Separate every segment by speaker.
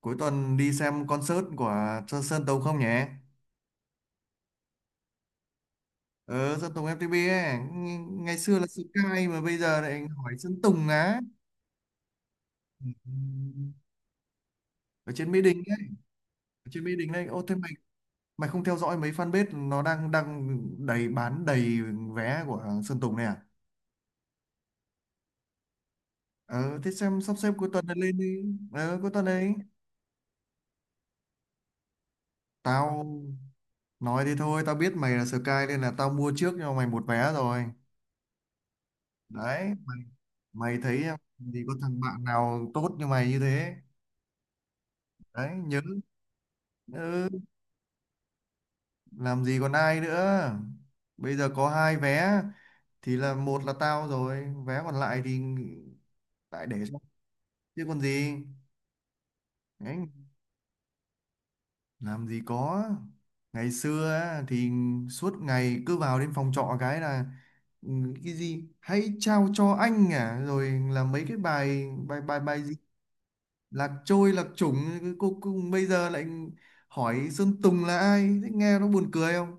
Speaker 1: Cuối tuần đi xem concert của Sơn Sơn Tùng không nhỉ? Ờ, Sơn Tùng FTP ấy. Ngày xưa là Sky mà bây giờ lại hỏi Sơn Tùng á. Ừ. Ở trên Mỹ Đình ấy, ở trên Mỹ Đình đấy. Ô, thế mày mày không theo dõi mấy fanpage, nó đang đang đầy, bán đầy vé của Sơn Tùng này à? Ờ, thế xem sắp xếp cuối tuần này lên đi. Ờ, cuối tuần đấy. Tao nói thế thôi, tao biết mày là Sky nên là tao mua trước cho mày một vé rồi. Đấy mày, mày thấy em thì có thằng bạn nào tốt như mày như thế đấy nhớ. Ừ, làm gì còn ai nữa, bây giờ có hai vé thì là một là tao rồi, vé còn lại thì lại để cho chứ còn gì. Đấy, làm gì có, ngày xưa á, thì suốt ngày cứ vào đến phòng trọ cái là, ừ, cái gì hãy trao cho anh à, rồi là mấy cái bài bài bài bài gì lạc trôi, lạc chủng, cái cô cùng bây giờ lại hỏi Sơn Tùng là ai, thế nghe nó buồn cười không.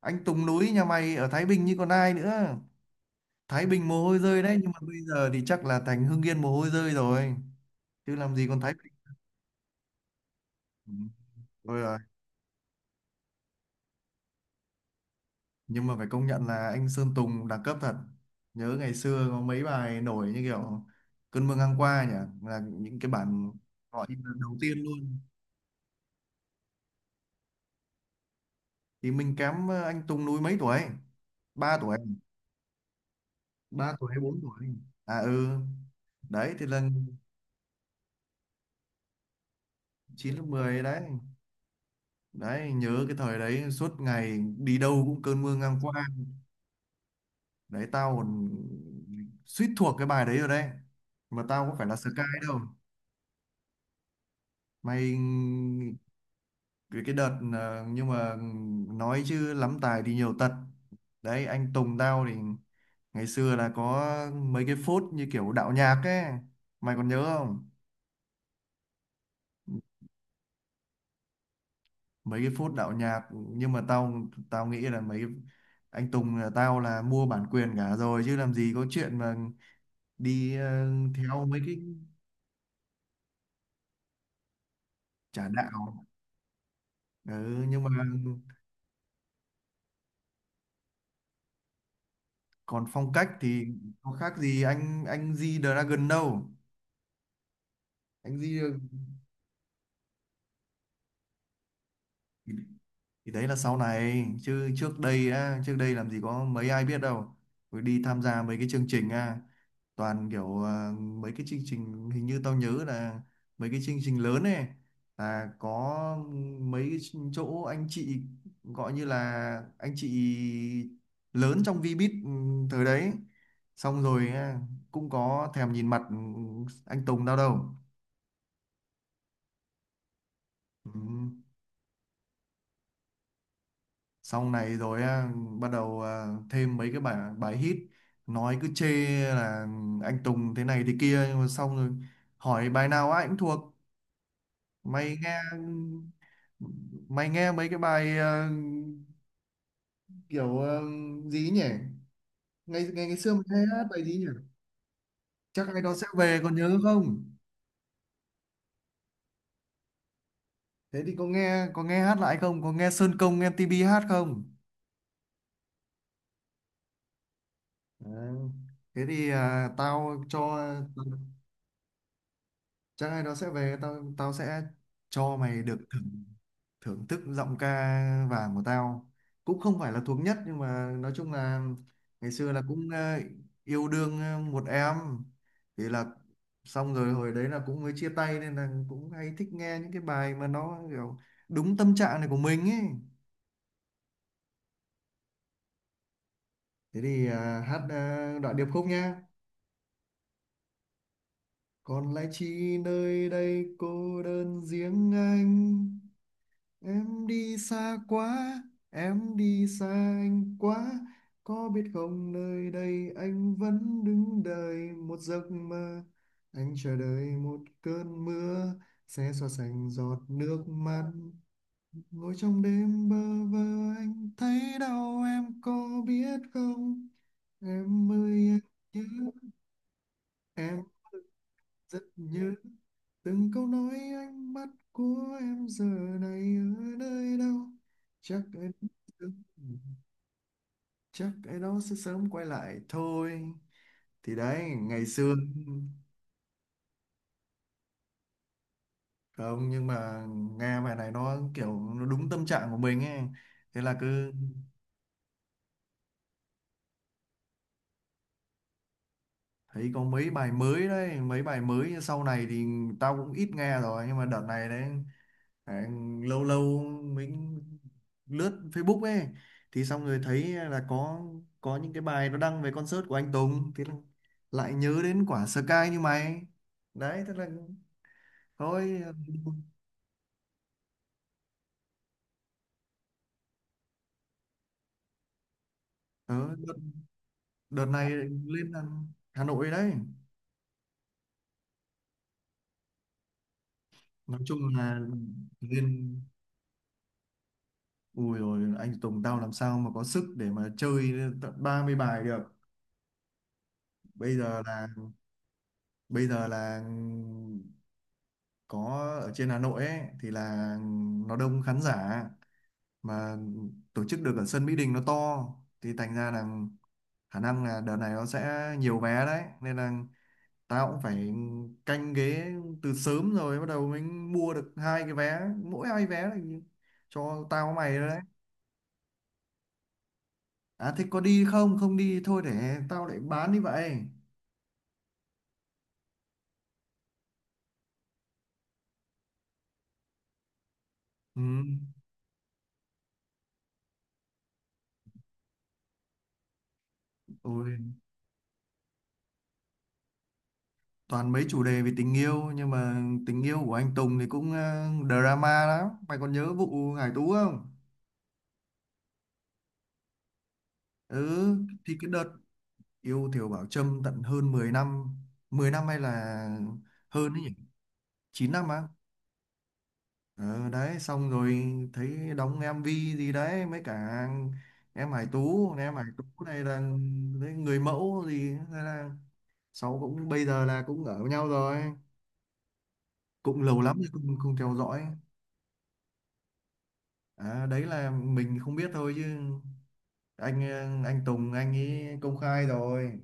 Speaker 1: Anh Tùng núi nhà mày ở Thái Bình như còn ai nữa, Thái Bình mồ hôi rơi đấy, nhưng mà bây giờ thì chắc là thành Hưng Yên mồ hôi rơi rồi chứ làm gì còn Thái Bình. Ừ, thôi rồi. Nhưng mà phải công nhận là anh Sơn Tùng đẳng cấp thật, nhớ ngày xưa có mấy bài nổi như kiểu cơn mưa ngang qua nhỉ, là những cái bản gọi như là đầu tiên luôn. Thì mình kém anh Tùng núi mấy tuổi, 3 tuổi, 3 tuổi hay 4 tuổi, à ừ đấy thì lần 9 lớp 10 đấy. Đấy nhớ cái thời đấy suốt ngày đi đâu cũng cơn mưa ngang qua, đấy tao còn suýt thuộc cái bài đấy rồi đấy, mà tao có phải là Sky đâu mày. Cái đợt nhưng mà nói chứ lắm tài thì nhiều tật. Đấy anh Tùng tao thì ngày xưa là có mấy cái phốt như kiểu đạo nhạc ấy, mày còn nhớ không, mấy cái phút đạo nhạc, nhưng mà tao tao nghĩ là mấy anh Tùng là tao là mua bản quyền cả rồi chứ làm gì có chuyện mà đi theo mấy cái trả đạo. Ừ, nhưng mà còn phong cách thì có khác gì anh G Dragon đâu, anh G. Thì đấy là sau này chứ trước đây á, trước đây làm gì có mấy ai biết đâu, rồi đi tham gia mấy cái chương trình á, toàn kiểu mấy cái chương trình, hình như tao nhớ là mấy cái chương trình lớn này, là có mấy cái chỗ anh chị, gọi như là anh chị lớn trong Vbiz, ừ, thời đấy, xong rồi á, cũng có thèm nhìn mặt, ừ, anh Tùng tao đâu. Ừ. Xong này rồi á, bắt đầu thêm mấy cái bài bài hit, nói cứ chê là anh Tùng thế này thế kia nhưng mà xong rồi, hỏi bài nào ai cũng thuộc. Mày nghe, ừ, mày nghe mấy cái bài kiểu gì ấy nhỉ, ngày ngày ngày xưa mày hay hát bài gì nhỉ, chắc ai đó sẽ về còn nhớ không. Thế thì có nghe hát lại không, có nghe Sơn Công em MTP hát không. à, thế thì tao cho, chắc ai đó sẽ về, tao tao sẽ cho mày được thưởng thức giọng ca vàng của tao. Cũng không phải là thuộc nhất nhưng mà nói chung là, ngày xưa là cũng yêu đương một em thì là, xong rồi hồi đấy là cũng mới chia tay nên là cũng hay thích nghe những cái bài mà nó kiểu đúng tâm trạng này của mình ấy. Thế thì hát đoạn điệp khúc nhá: còn lại chi nơi đây cô đơn riêng anh, em đi xa quá, em đi xa anh quá. Có biết không nơi đây anh vẫn đứng đợi một giấc mơ. Anh chờ đợi một cơn mưa sẽ xóa sạch giọt nước mắt. Ngồi trong đêm bơ vơ anh thấy đau em có biết không? Em ơi anh nhớ em, rất nhớ, từng câu nói ánh mắt của em giờ này ở nơi đâu, chắc ai đó, chắc ai đó sẽ sớm quay lại thôi. Thì đấy ngày xưa, không nhưng mà nghe bài này nó kiểu nó đúng tâm trạng của mình ấy, thế là cứ thấy có mấy bài mới đấy, mấy bài mới sau này thì tao cũng ít nghe rồi, nhưng mà đợt này đấy. Đấy, lâu lâu mình lướt Facebook ấy, thì xong rồi thấy là có những cái bài nó đăng về concert của anh Tùng thì là lại nhớ đến quả Sky như mày, đấy thế là thôi ờ, đợt, đợt này lên Hà Hà Nội đấy. Nói chung là lên, ui rồi anh Tùng tao làm sao mà có sức để mà chơi tận 30 bài được. Bây giờ là bây giờ là có ở trên Hà Nội ấy thì là nó đông khán giả, mà tổ chức được ở sân Mỹ Đình nó to thì thành ra là khả năng là đợt này nó sẽ nhiều vé đấy, nên là tao cũng phải canh ghế từ sớm, rồi bắt đầu mình mua được hai cái vé, mỗi hai vé là cho tao với mày rồi đấy. À thế có đi không, không đi thôi để tao lại bán đi vậy. Ừ. Ôi, toàn mấy chủ đề về tình yêu nhưng mà tình yêu của anh Tùng thì cũng drama lắm, mày còn nhớ vụ Hải Tú không. Ừ, thì cái đợt yêu Thiều Bảo Trâm tận hơn 10 năm, 10 năm hay là hơn ấy nhỉ, 9 năm á. Ờ, đấy xong rồi thấy đóng em MV gì đấy mấy cả em Hải Tú này là, đấy, người mẫu gì, thế là sau cũng bây giờ là cũng ở với nhau rồi, cũng lâu lắm rồi không theo dõi. À, đấy là mình không biết thôi chứ anh Tùng anh ấy công khai rồi.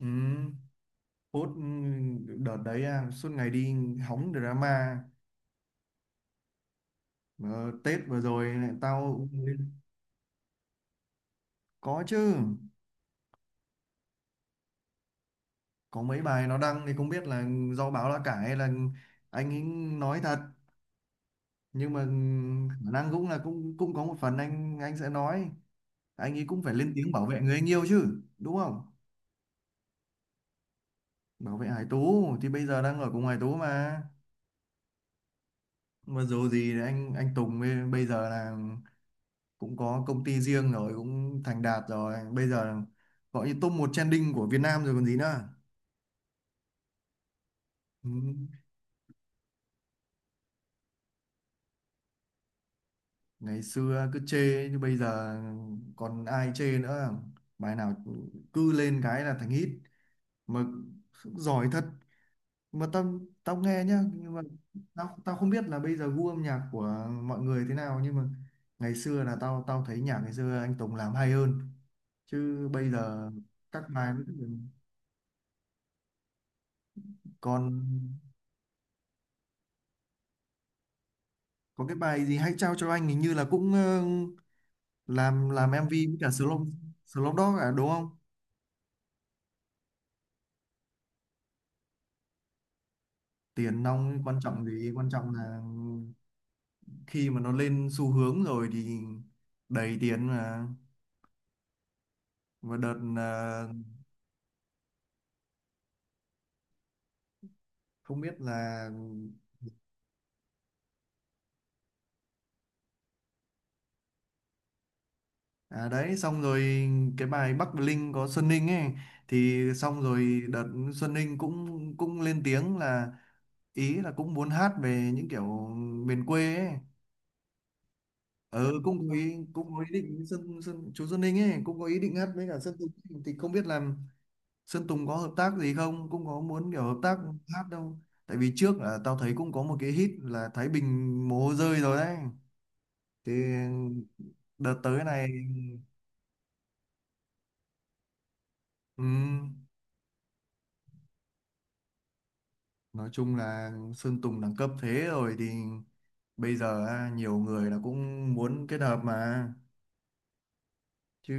Speaker 1: Ừ, phút, ừ, đợt đấy à, suốt ngày đi hóng drama. Ờ, Tết vừa rồi lại tao có chứ, có mấy bài nó đăng thì không biết là do báo lá cải hay là anh ấy nói thật, nhưng mà ừ, khả năng cũng là cũng cũng có một phần anh sẽ nói, anh ấy cũng phải lên tiếng bảo vệ người anh yêu chứ đúng không. Bảo vệ Hải Tú, thì bây giờ đang ở cùng Hải Tú mà dù gì thì anh Tùng bây bây giờ là cũng có công ty riêng rồi, cũng thành đạt rồi, bây giờ gọi như top 1 trending của Việt Nam rồi còn gì nữa. Ừ. Ngày xưa cứ chê nhưng bây giờ còn ai chê nữa, bài nào cứ lên cái là thành hit mà, giỏi thật. Mà tao tao nghe nhá nhưng mà tao tao không biết là bây giờ gu âm nhạc của mọi người thế nào, nhưng mà ngày xưa là tao tao thấy nhạc ngày xưa anh Tùng làm hay hơn, chứ bây giờ các bài nó cứ, còn có cái bài gì hãy trao cho anh hình như là cũng làm MV với cả Slow, Dog à đúng không. Tiền nong quan trọng gì, quan trọng là khi mà nó lên xu hướng rồi thì đầy tiền mà. Và đợt không biết là, à đấy xong rồi cái bài Bắc Bling có Xuân Ninh ấy, thì xong rồi đợt Xuân Ninh cũng cũng lên tiếng là, ý là cũng muốn hát về những kiểu miền quê ấy. Ừ, cũng có ý định với Sơn Sơn chú Sơn Ninh ấy cũng có ý định hát với cả Sơn Tùng. Thì không biết là Sơn Tùng có hợp tác gì không, cũng có muốn kiểu hợp tác hát đâu, tại vì trước là tao thấy cũng có một cái hit là Thái Bình mồ hôi rơi rồi đấy, thì đợt tới này. ừm, nói chung là Sơn Tùng đẳng cấp thế rồi thì bây giờ nhiều người là cũng muốn kết hợp mà chứ.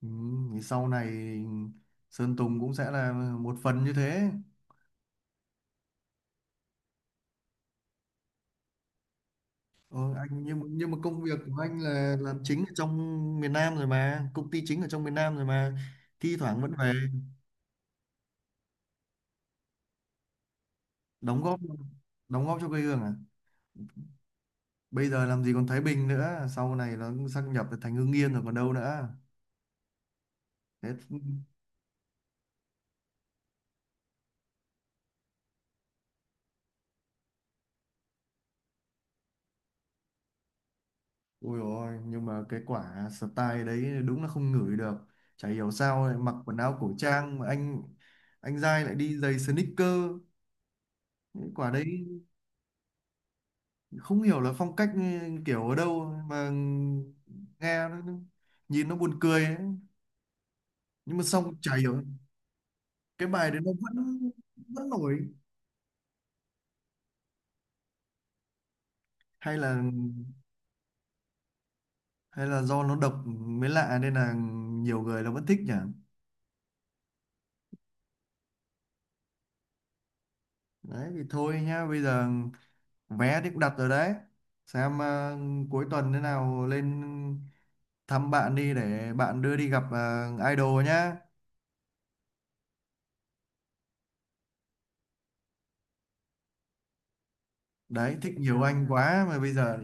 Speaker 1: Thì sau này Sơn Tùng cũng sẽ là một phần như thế. Ờ, nhưng mà công việc của anh là làm chính ở trong miền Nam rồi mà, công ty chính ở trong miền Nam rồi mà. Thi thoảng vẫn về đóng góp đóng góp cho quê hương à. Bây giờ làm gì còn Thái Bình nữa, sau này nó sáp nhập thành Hưng Yên rồi còn đâu nữa. Thế. Ôi ôi, nhưng mà cái quả style đấy đúng là không ngửi được, chả hiểu sao lại mặc quần áo cổ trang mà anh Giai lại đi giày sneaker. Cái quả đấy không hiểu là phong cách, ừ, kiểu ở đâu mà, nghe nhìn nó buồn cười ấy. Nhưng mà xong chả hiểu cái bài đấy nó vẫn vẫn nổi, hay là hay là do nó độc mới lạ nên là nhiều người nó vẫn thích nhỉ. Đấy thì thôi nhá, bây giờ vé thì cũng đặt rồi đấy, xem cuối tuần thế nào lên thăm bạn đi để bạn đưa đi gặp idol nhá. Đấy thích nhiều anh quá mà bây giờ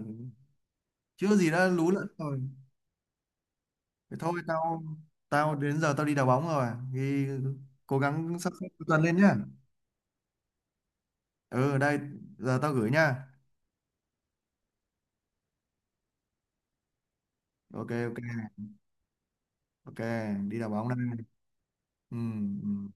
Speaker 1: chưa gì đã lú lẫn rồi. Thế thôi tao tao đến giờ tao đi đá bóng rồi thì cố gắng sắp xếp cuối tuần lên nhá. Ừ đây, giờ tao gửi nhá. Ok, ok, ok, đi đá bóng đây. Ừ, ừ.